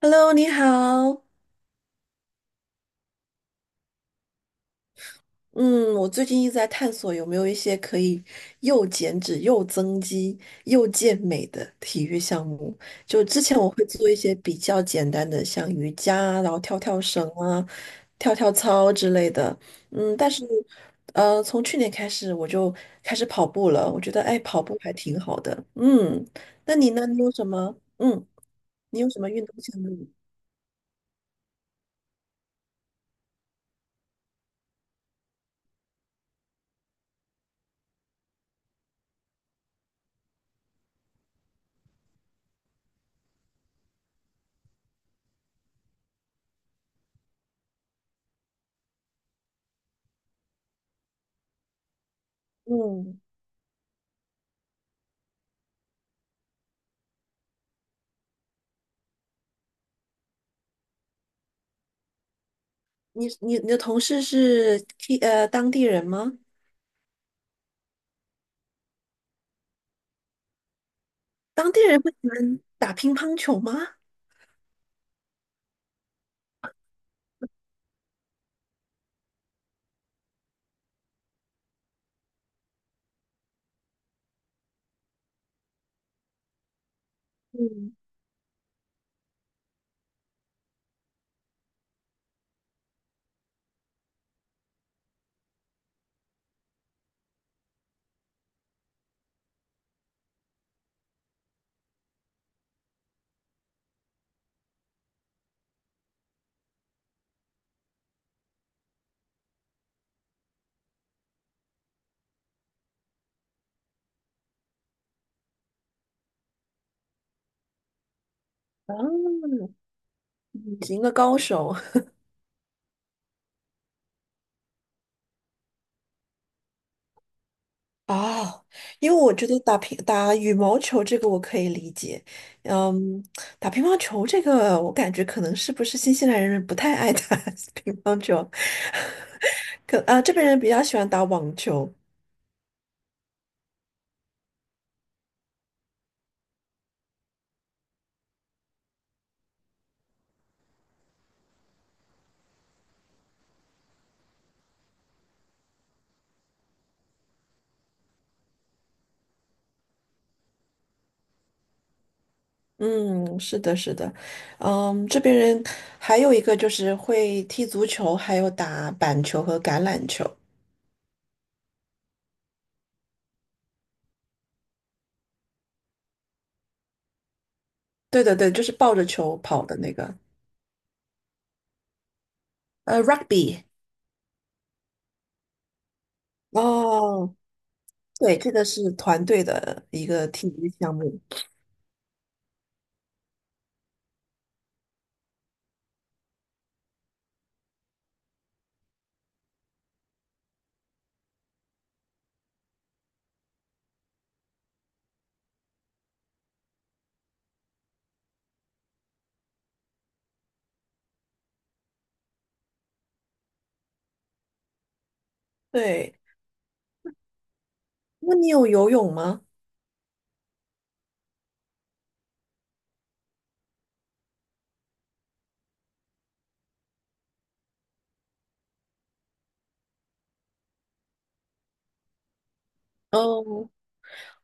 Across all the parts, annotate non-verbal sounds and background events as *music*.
Hello，你好。嗯，我最近一直在探索有没有一些可以又减脂、又增肌、又健美的体育项目。就之前我会做一些比较简单的，像瑜伽啊然后跳跳绳啊、跳跳操之类的。嗯，但是，从去年开始我就开始跑步了。我觉得，哎，跑步还挺好的。嗯，那你呢？你有什么？嗯，你有什么运动项目？嗯，你的同事是 当地人吗？当地人不喜欢打乒乓球吗？嗯，啊，是一个高手 *laughs* 哦，因为我觉得打羽毛球这个我可以理解，嗯，打乒乓球这个我感觉可能是不是新西兰人不太爱打 *laughs* 乒乓球，*laughs* 可啊这边人比较喜欢打网球，嗯，是的，是的，嗯，这边人还有一个就是会踢足球，还有打板球和橄榄球，对对对，就是抱着球跑的那个，rugby，哦，对，这个是团队的一个体育项目。对，那你有游泳吗？嗯，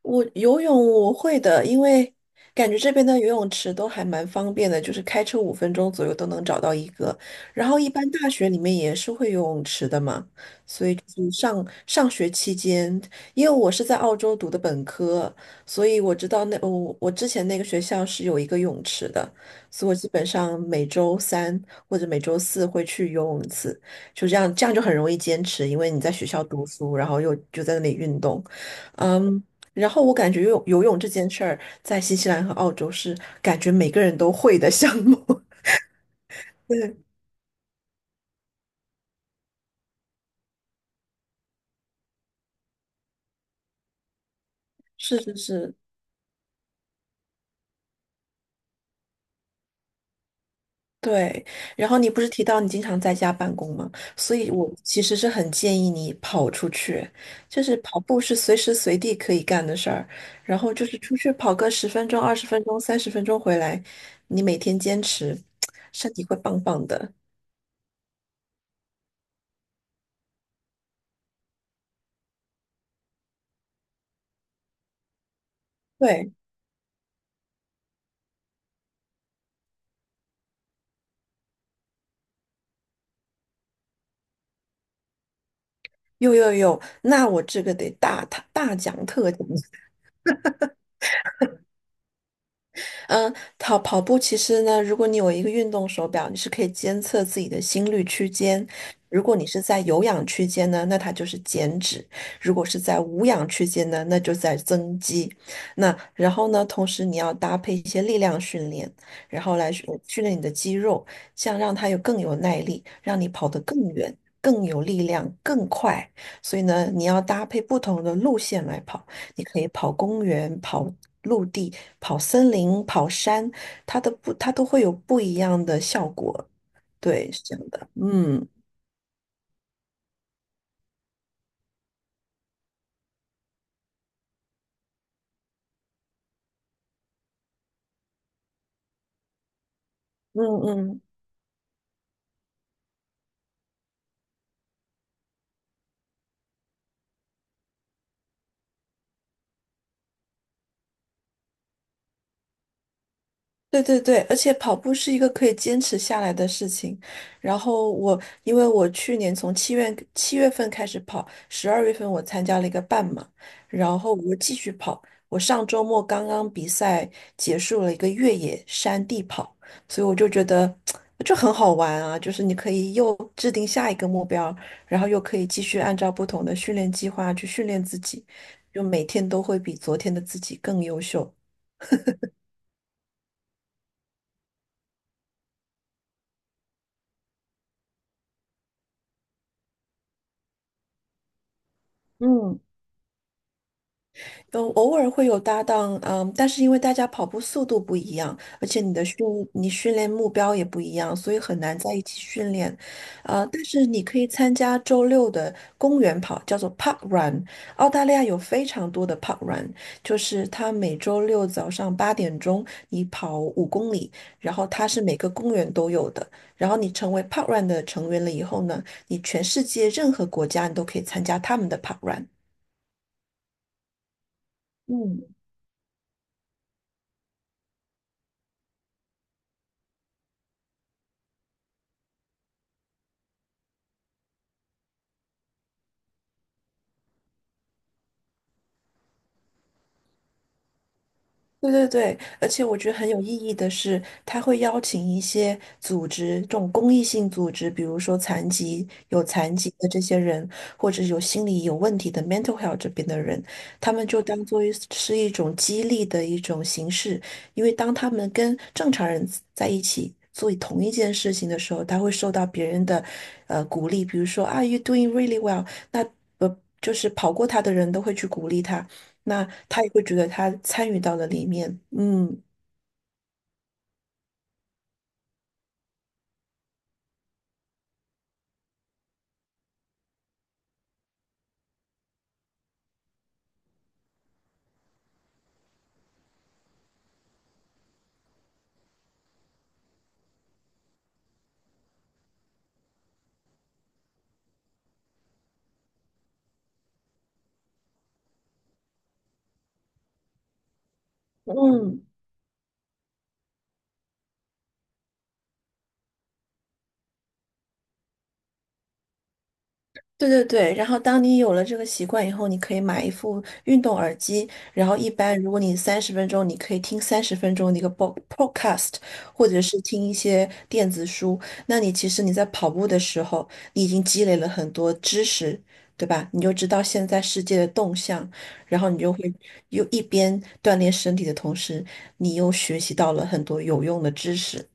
我游泳我会的，因为感觉这边的游泳池都还蛮方便的，就是开车5分钟左右都能找到一个。然后一般大学里面也是会游泳池的嘛，所以就是上上学期间，因为我是在澳洲读的本科，所以我知道我之前那个学校是有一个泳池的，所以我基本上每周三或者每周四会去游泳一次，就这样就很容易坚持，因为你在学校读书，然后又就在那里运动。嗯，然后我感觉游泳这件事儿，在新西兰和澳洲是感觉每个人都会的项目。*laughs* 对，是是是，对。然后你不是提到你经常在家办公吗？所以我其实是很建议你跑出去，就是跑步是随时随地可以干的事儿，然后就是出去跑个十分钟、20分钟、三十分钟回来，你每天坚持，*tsk* 身体会棒棒的。对，有有有，那我这个得大大大讲特讲。嗯，跑跑步其实呢，如果你有一个运动手表，你是可以监测自己的心率区间。如果你是在有氧区间呢，那它就是减脂；如果是在无氧区间呢，那就在增肌。那然后呢，同时你要搭配一些力量训练，然后来训练你的肌肉，这样让它有更有耐力，让你跑得更远、更有力量、更快。所以呢，你要搭配不同的路线来跑。你可以跑公园、跑陆地、跑森林、跑山，它都会有不一样的效果。对，是这样的。嗯嗯嗯。对对对，而且跑步是一个可以坚持下来的事情。然后我，因为我去年从七月份开始跑，12月份我参加了一个半马，然后我又继续跑。我上周末刚刚比赛结束了一个越野山地跑，所以我就觉得 *tsk* 就很好玩啊，就是你可以又制定下一个目标，然后又可以继续按照不同的训练计划去训练自己，就每天都会比昨天的自己更优秀。嗯，都偶尔会有搭档，嗯，但是因为大家跑步速度不一样，而且你训练目标也不一样，所以很难在一起训练。但是你可以参加周六的公园跑，叫做 Park Run。澳大利亚有非常多的 Park Run，就是它每周六早上8点钟，你跑5公里，然后它是每个公园都有的。然后你成为 Park Run 的成员了以后呢，你全世界任何国家你都可以参加他们的 Park Run。嗯。对对对，而且我觉得很有意义的是，他会邀请一些组织，这种公益性组织，比如说残疾、有残疾的这些人，或者有心理有问题的 mental health 这边的人，他们就当做是一种激励的一种形式，因为当他们跟正常人在一起做同一件事情的时候，他会受到别人的鼓励，比如说 Are you doing really well，那。就是跑过他的人都会去鼓励他，那他也会觉得他参与到了里面，嗯。嗯，对对对，然后当你有了这个习惯以后，你可以买一副运动耳机，然后一般如果你三十分钟，你可以听三十分钟的一个 podcast，或者是听一些电子书，那你其实你在跑步的时候，你已经积累了很多知识，对吧？你就知道现在世界的动向，然后你就会又一边锻炼身体的同时，你又学习到了很多有用的知识。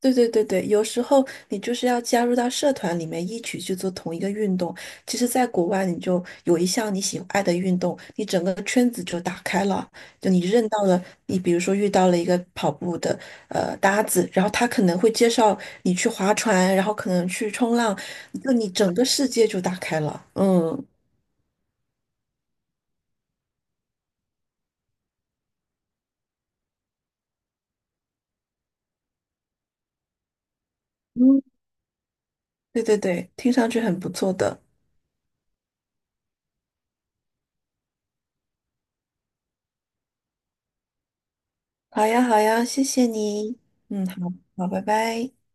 对对对对，有时候你就是要加入到社团里面一起去做同一个运动。其实，在国外，你就有一项你喜爱的运动，你整个圈子就打开了。就你认到了，你比如说遇到了一个跑步的搭子，然后他可能会介绍你去划船，然后可能去冲浪，就你整个世界就打开了。嗯嗯，对对对，听上去很不错的。好呀好呀，谢谢你。嗯，好好，拜拜。